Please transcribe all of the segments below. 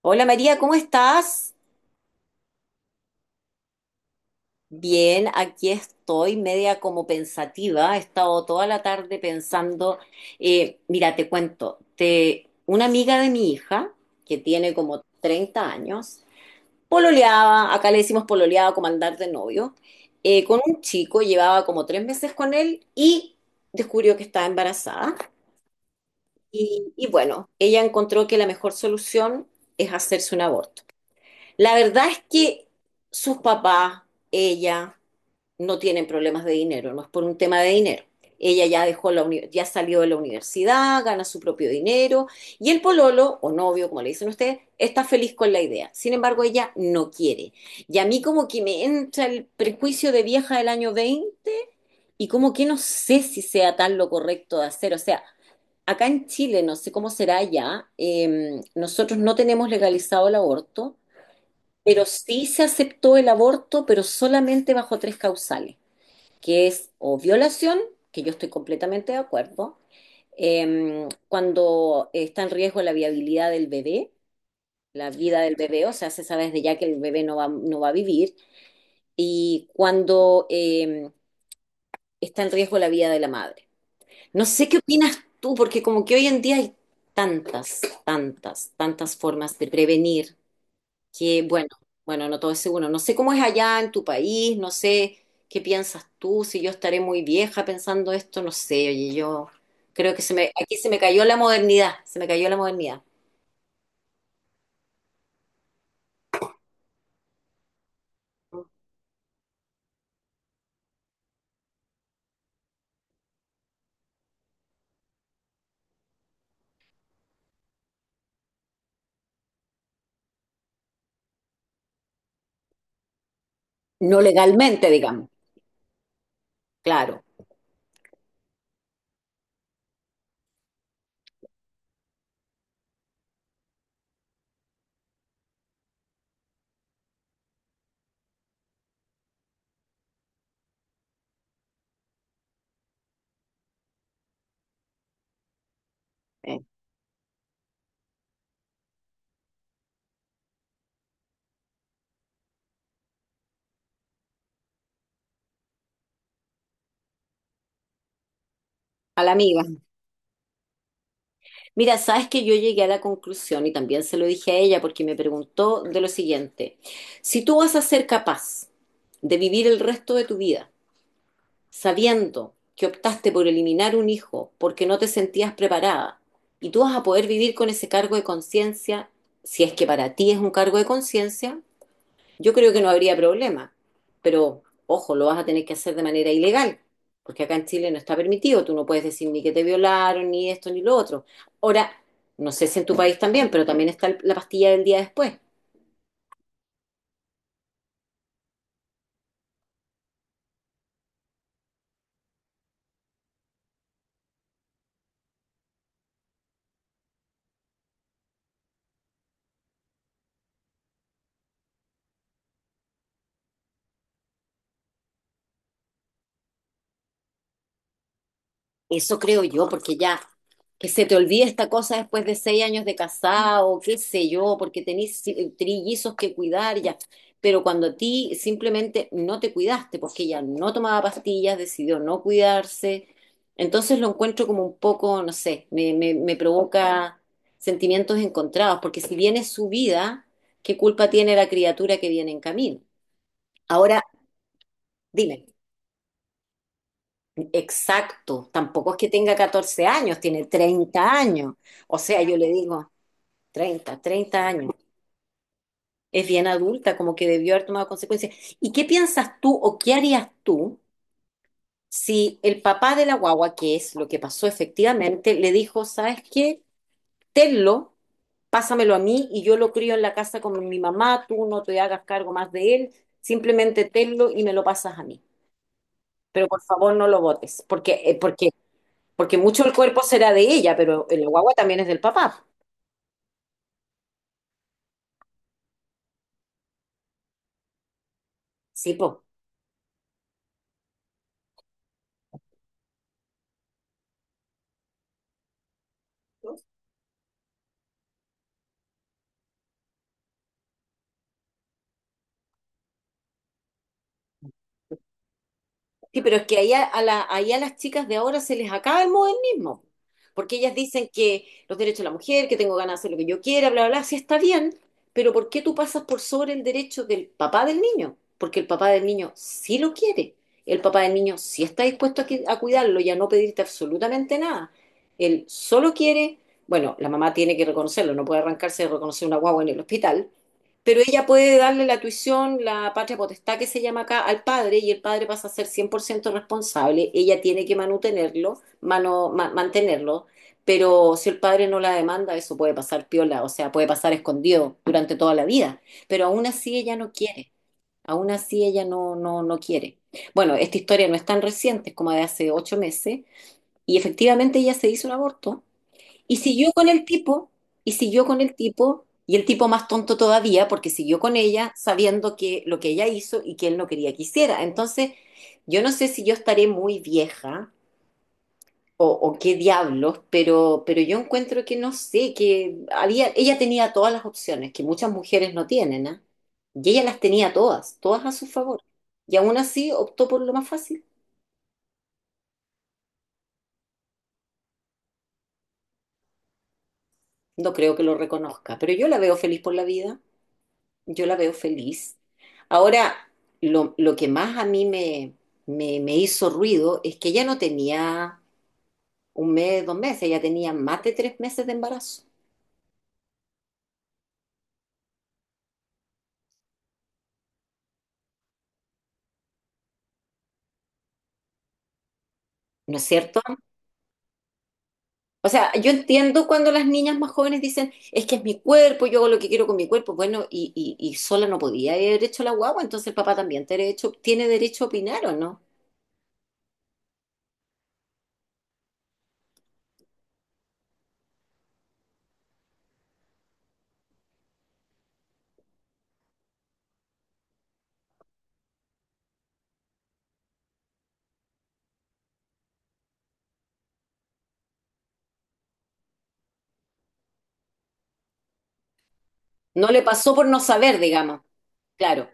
Hola María, ¿cómo estás? Bien, aquí estoy, media como pensativa. He estado toda la tarde pensando. Mira, te cuento, una amiga de mi hija, que tiene como 30 años, pololeaba, acá le decimos pololeaba como andar de novio, con un chico, llevaba como 3 meses con él y descubrió que estaba embarazada. Y bueno, ella encontró que la mejor solución es hacerse un aborto. La verdad es que sus papás, ella, no tienen problemas de dinero, no es por un tema de dinero. Ella ya dejó la ya salió de la universidad, gana su propio dinero y el pololo o novio, como le dicen ustedes, está feliz con la idea. Sin embargo, ella no quiere. Y a mí como que me entra el prejuicio de vieja del año 20 y como que no sé si sea tan lo correcto de hacer, o sea, acá en Chile, no sé cómo será allá. Nosotros no tenemos legalizado el aborto, pero sí se aceptó el aborto, pero solamente bajo tres causales, que es o violación, que yo estoy completamente de acuerdo, cuando está en riesgo la viabilidad del bebé, la vida del bebé, o sea, se sabe desde ya que el bebé no va a vivir, y cuando está en riesgo la vida de la madre. No sé qué opinas tú, porque como que hoy en día hay tantas, tantas, tantas formas de prevenir. Que bueno, bueno, no todo es seguro. No sé cómo es allá en tu país, no sé qué piensas tú, si yo estaré muy vieja pensando esto, no sé, oye, yo creo que aquí se me cayó la modernidad, se me cayó la modernidad. No legalmente, digamos, claro, eh, a la amiga. Mira, sabes que yo llegué a la conclusión y también se lo dije a ella porque me preguntó de lo siguiente, si tú vas a ser capaz de vivir el resto de tu vida, sabiendo que optaste por eliminar un hijo porque no te sentías preparada y tú vas a poder vivir con ese cargo de conciencia, si es que para ti es un cargo de conciencia, yo creo que no habría problema. Pero, ojo, lo vas a tener que hacer de manera ilegal, porque acá en Chile no está permitido, tú no puedes decir ni que te violaron, ni esto, ni lo otro. Ahora, no sé si en tu país también, pero también está la pastilla del día después. Eso creo yo, porque ya que se te olvide esta cosa después de 6 años de casado, qué sé yo, porque tenés trillizos que cuidar ya. Pero cuando a ti simplemente no te cuidaste, porque ella no tomaba pastillas, decidió no cuidarse, entonces lo encuentro como un poco, no sé, me provoca sentimientos encontrados, porque si viene su vida, ¿qué culpa tiene la criatura que viene en camino? Ahora, dime. Exacto, tampoco es que tenga 14 años, tiene 30 años. O sea, yo le digo, 30, 30 años. Es bien adulta, como que debió haber tomado consecuencias. ¿Y qué piensas tú o qué harías tú si el papá de la guagua, que es lo que pasó efectivamente, le dijo, ¿sabes qué? Tenlo, pásamelo a mí y yo lo crío en la casa con mi mamá, tú no te hagas cargo más de él, simplemente tenlo y me lo pasas a mí. Pero por favor no lo votes, porque mucho el cuerpo será de ella, pero el guagua también es del papá. Sí, po. Sí, pero es que ahí a las chicas de ahora se les acaba el modernismo. Porque ellas dicen que los derechos de la mujer, que tengo ganas de hacer lo que yo quiera, bla, bla, bla, sí está bien, pero ¿por qué tú pasas por sobre el derecho del papá del niño? Porque el papá del niño sí lo quiere. El papá del niño sí está dispuesto a, a cuidarlo y a no pedirte absolutamente nada. Él solo quiere, bueno, la mamá tiene que reconocerlo, no puede arrancarse de reconocer una guagua en el hospital, pero ella puede darle la tuición, la patria potestad que se llama acá, al padre y el padre pasa a ser 100% responsable. Ella tiene que manutenerlo, mantenerlo, pero si el padre no la demanda, eso puede pasar piola, o sea, puede pasar escondido durante toda la vida, pero aún así ella no quiere, aún así ella no, no, no quiere. Bueno, esta historia no es tan reciente, es como de hace 8 meses, y efectivamente ella se hizo un aborto y siguió con el tipo, y siguió con el tipo, y el tipo más tonto todavía, porque siguió con ella sabiendo que lo que ella hizo y que él no quería que hiciera. Entonces, yo no sé si yo estaré muy vieja o qué diablos, pero yo encuentro que no sé, que había, ella tenía todas las opciones que muchas mujeres no tienen, ¿ah? Y ella las tenía todas, todas a su favor. Y aún así optó por lo más fácil. No creo que lo reconozca, pero yo la veo feliz por la vida. Yo la veo feliz. Ahora, lo que más a mí me hizo ruido es que ella no tenía un mes, 2 meses, ella tenía más de 3 meses de embarazo, ¿no es cierto? O sea, yo entiendo cuando las niñas más jóvenes dicen, es que es mi cuerpo, yo hago lo que quiero con mi cuerpo, bueno, y sola no podía haber hecho la guagua, entonces el papá también tiene derecho a opinar, ¿o no? No le pasó por no saber, digamos, claro.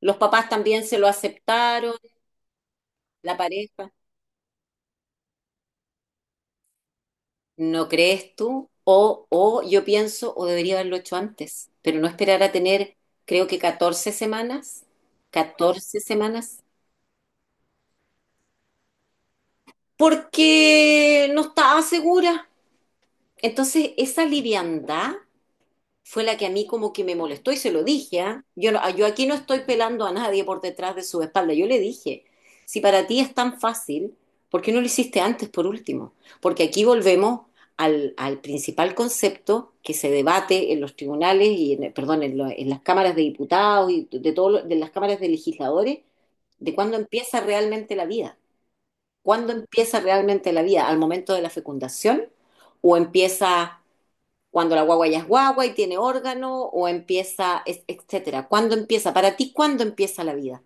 Los papás también se lo aceptaron, la pareja. ¿No crees tú? O yo pienso, o debería haberlo hecho antes, pero no esperar a tener, creo que 14 semanas, 14 semanas, porque no estaba segura. Entonces, esa liviandad fue la que a mí como que me molestó y se lo dije, ¿ah? Yo, yo aquí no estoy pelando a nadie por detrás de su espalda. Yo le dije, si para ti es tan fácil, ¿por qué no lo hiciste antes por último? Porque aquí volvemos al principal concepto que se debate en los tribunales y, en, perdón, en, en las cámaras de diputados y de, de las cámaras de legisladores, de cuándo empieza realmente la vida. ¿Cuándo empieza realmente la vida? ¿Al momento de la fecundación? ¿O empieza cuando la guagua ya es guagua y tiene órgano o empieza, etcétera? ¿Cuándo empieza? Para ti, ¿cuándo empieza la vida?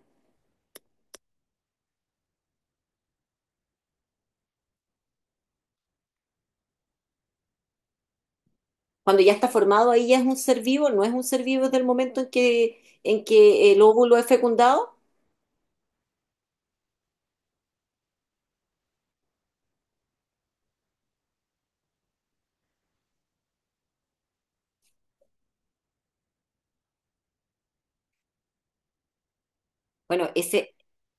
Cuando ya está formado, ahí ya es un ser vivo, no es un ser vivo desde el momento en que el óvulo es fecundado. Bueno, ese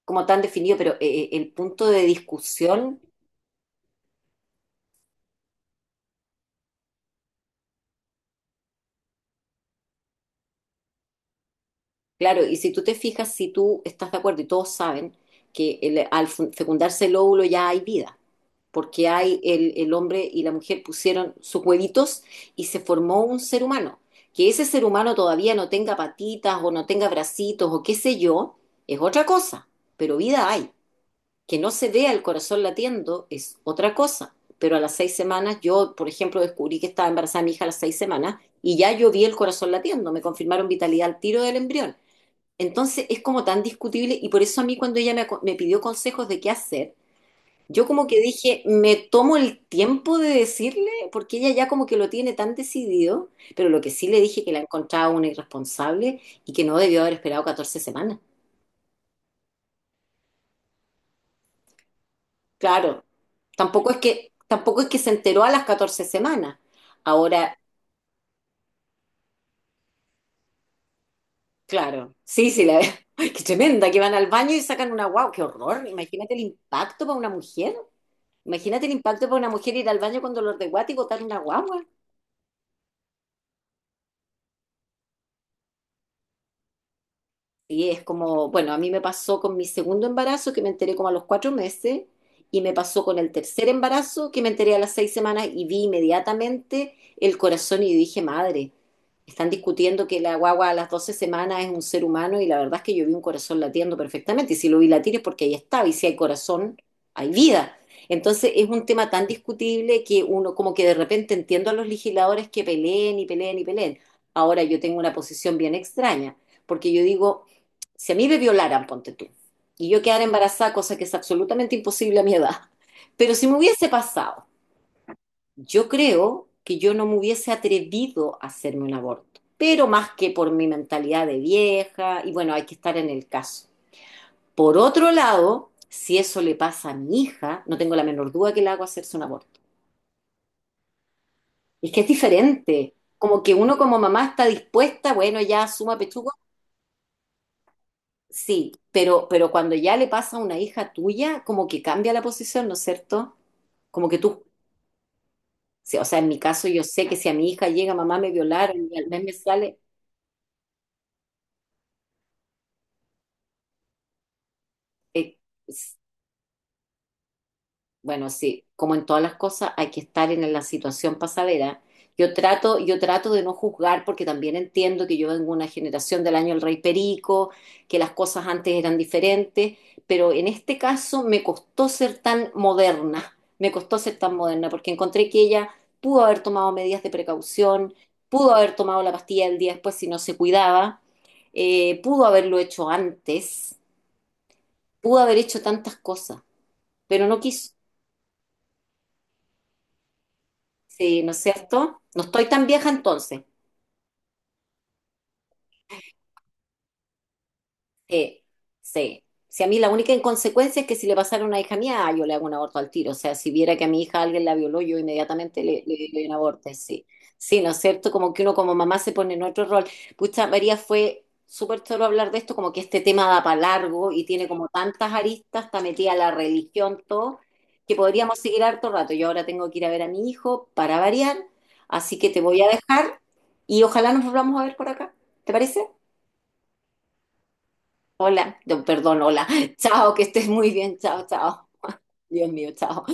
como tan definido, pero el punto de discusión. Claro, y si tú te fijas, si tú estás de acuerdo y todos saben que al fecundarse el óvulo ya hay vida, porque hay el hombre y la mujer pusieron sus huevitos y se formó un ser humano. Que ese ser humano todavía no tenga patitas o no tenga bracitos o qué sé yo, es otra cosa, pero vida hay. Que no se vea el corazón latiendo es otra cosa. Pero a las 6 semanas, yo, por ejemplo, descubrí que estaba embarazada mi hija a las 6 semanas y ya yo vi el corazón latiendo, me confirmaron vitalidad al tiro del embrión. Entonces es como tan discutible y por eso a mí cuando ella me, me pidió consejos de qué hacer, yo como que dije, me tomo el tiempo de decirle, porque ella ya como que lo tiene tan decidido, pero lo que sí le dije que la encontraba una irresponsable y que no debió haber esperado 14 semanas. Claro, tampoco es que se enteró a las 14 semanas. Ahora, claro, sí, sí, la, ¡Ay, qué tremenda, que van al baño y sacan una guau, qué horror! Imagínate el impacto para una mujer. Imagínate el impacto para una mujer ir al baño con dolor de guata y botar una guagua. Y es como, bueno, a mí me pasó con mi segundo embarazo, que me enteré como a los 4 meses, y me pasó con el tercer embarazo, que me enteré a las 6 semanas y vi inmediatamente el corazón y dije, madre, están discutiendo que la guagua a las 12 semanas es un ser humano y la verdad es que yo vi un corazón latiendo perfectamente y si lo vi latir es porque ahí estaba y si hay corazón, hay vida. Entonces es un tema tan discutible que uno como que de repente entiendo a los legisladores que peleen y peleen y peleen. Ahora yo tengo una posición bien extraña, porque yo digo, si a mí me violaran, ponte tú, y yo quedara embarazada, cosa que es absolutamente imposible a mi edad, pero si me hubiese pasado, yo creo que yo no me hubiese atrevido a hacerme un aborto, pero más que por mi mentalidad de vieja, y bueno, hay que estar en el caso. Por otro lado, si eso le pasa a mi hija, no tengo la menor duda que le hago hacerse un aborto. Es que es diferente. Como que uno como mamá está dispuesta, bueno, ya suma pechuga. Sí, pero cuando ya le pasa a una hija tuya, como que cambia la posición, ¿no es cierto? Como que tú, sí, o sea, en mi caso yo sé que si a mi hija llega, mamá me violaron y al mes me sale, eh, bueno, sí, como en todas las cosas hay que estar en la situación pasadera. Yo trato de no juzgar porque también entiendo que yo vengo de una generación del año El Rey Perico, que las cosas antes eran diferentes, pero en este caso me costó ser tan moderna, me costó ser tan moderna porque encontré que ella pudo haber tomado medidas de precaución, pudo haber tomado la pastilla el día después si no se cuidaba, pudo haberlo hecho antes, pudo haber hecho tantas cosas, pero no quiso. Sí, ¿no es cierto? No estoy tan vieja entonces. Sí, sí. Si a mí la única inconsecuencia es que si le pasara a una hija mía, ah, yo le hago un aborto al tiro. O sea, si viera que a mi hija alguien la violó, yo inmediatamente le doy un aborto, sí. Sí, ¿no es cierto? Como que uno como mamá se pone en otro rol. Pucha, María, fue súper choro hablar de esto, como que este tema da para largo y tiene como tantas aristas, está metida la religión, todo, que podríamos seguir harto rato. Yo ahora tengo que ir a ver a mi hijo para variar, así que te voy a dejar y ojalá nos volvamos a ver por acá. ¿Te parece? Hola, no, perdón, hola. Chao, que estés muy bien. Chao, chao. Dios mío, chao.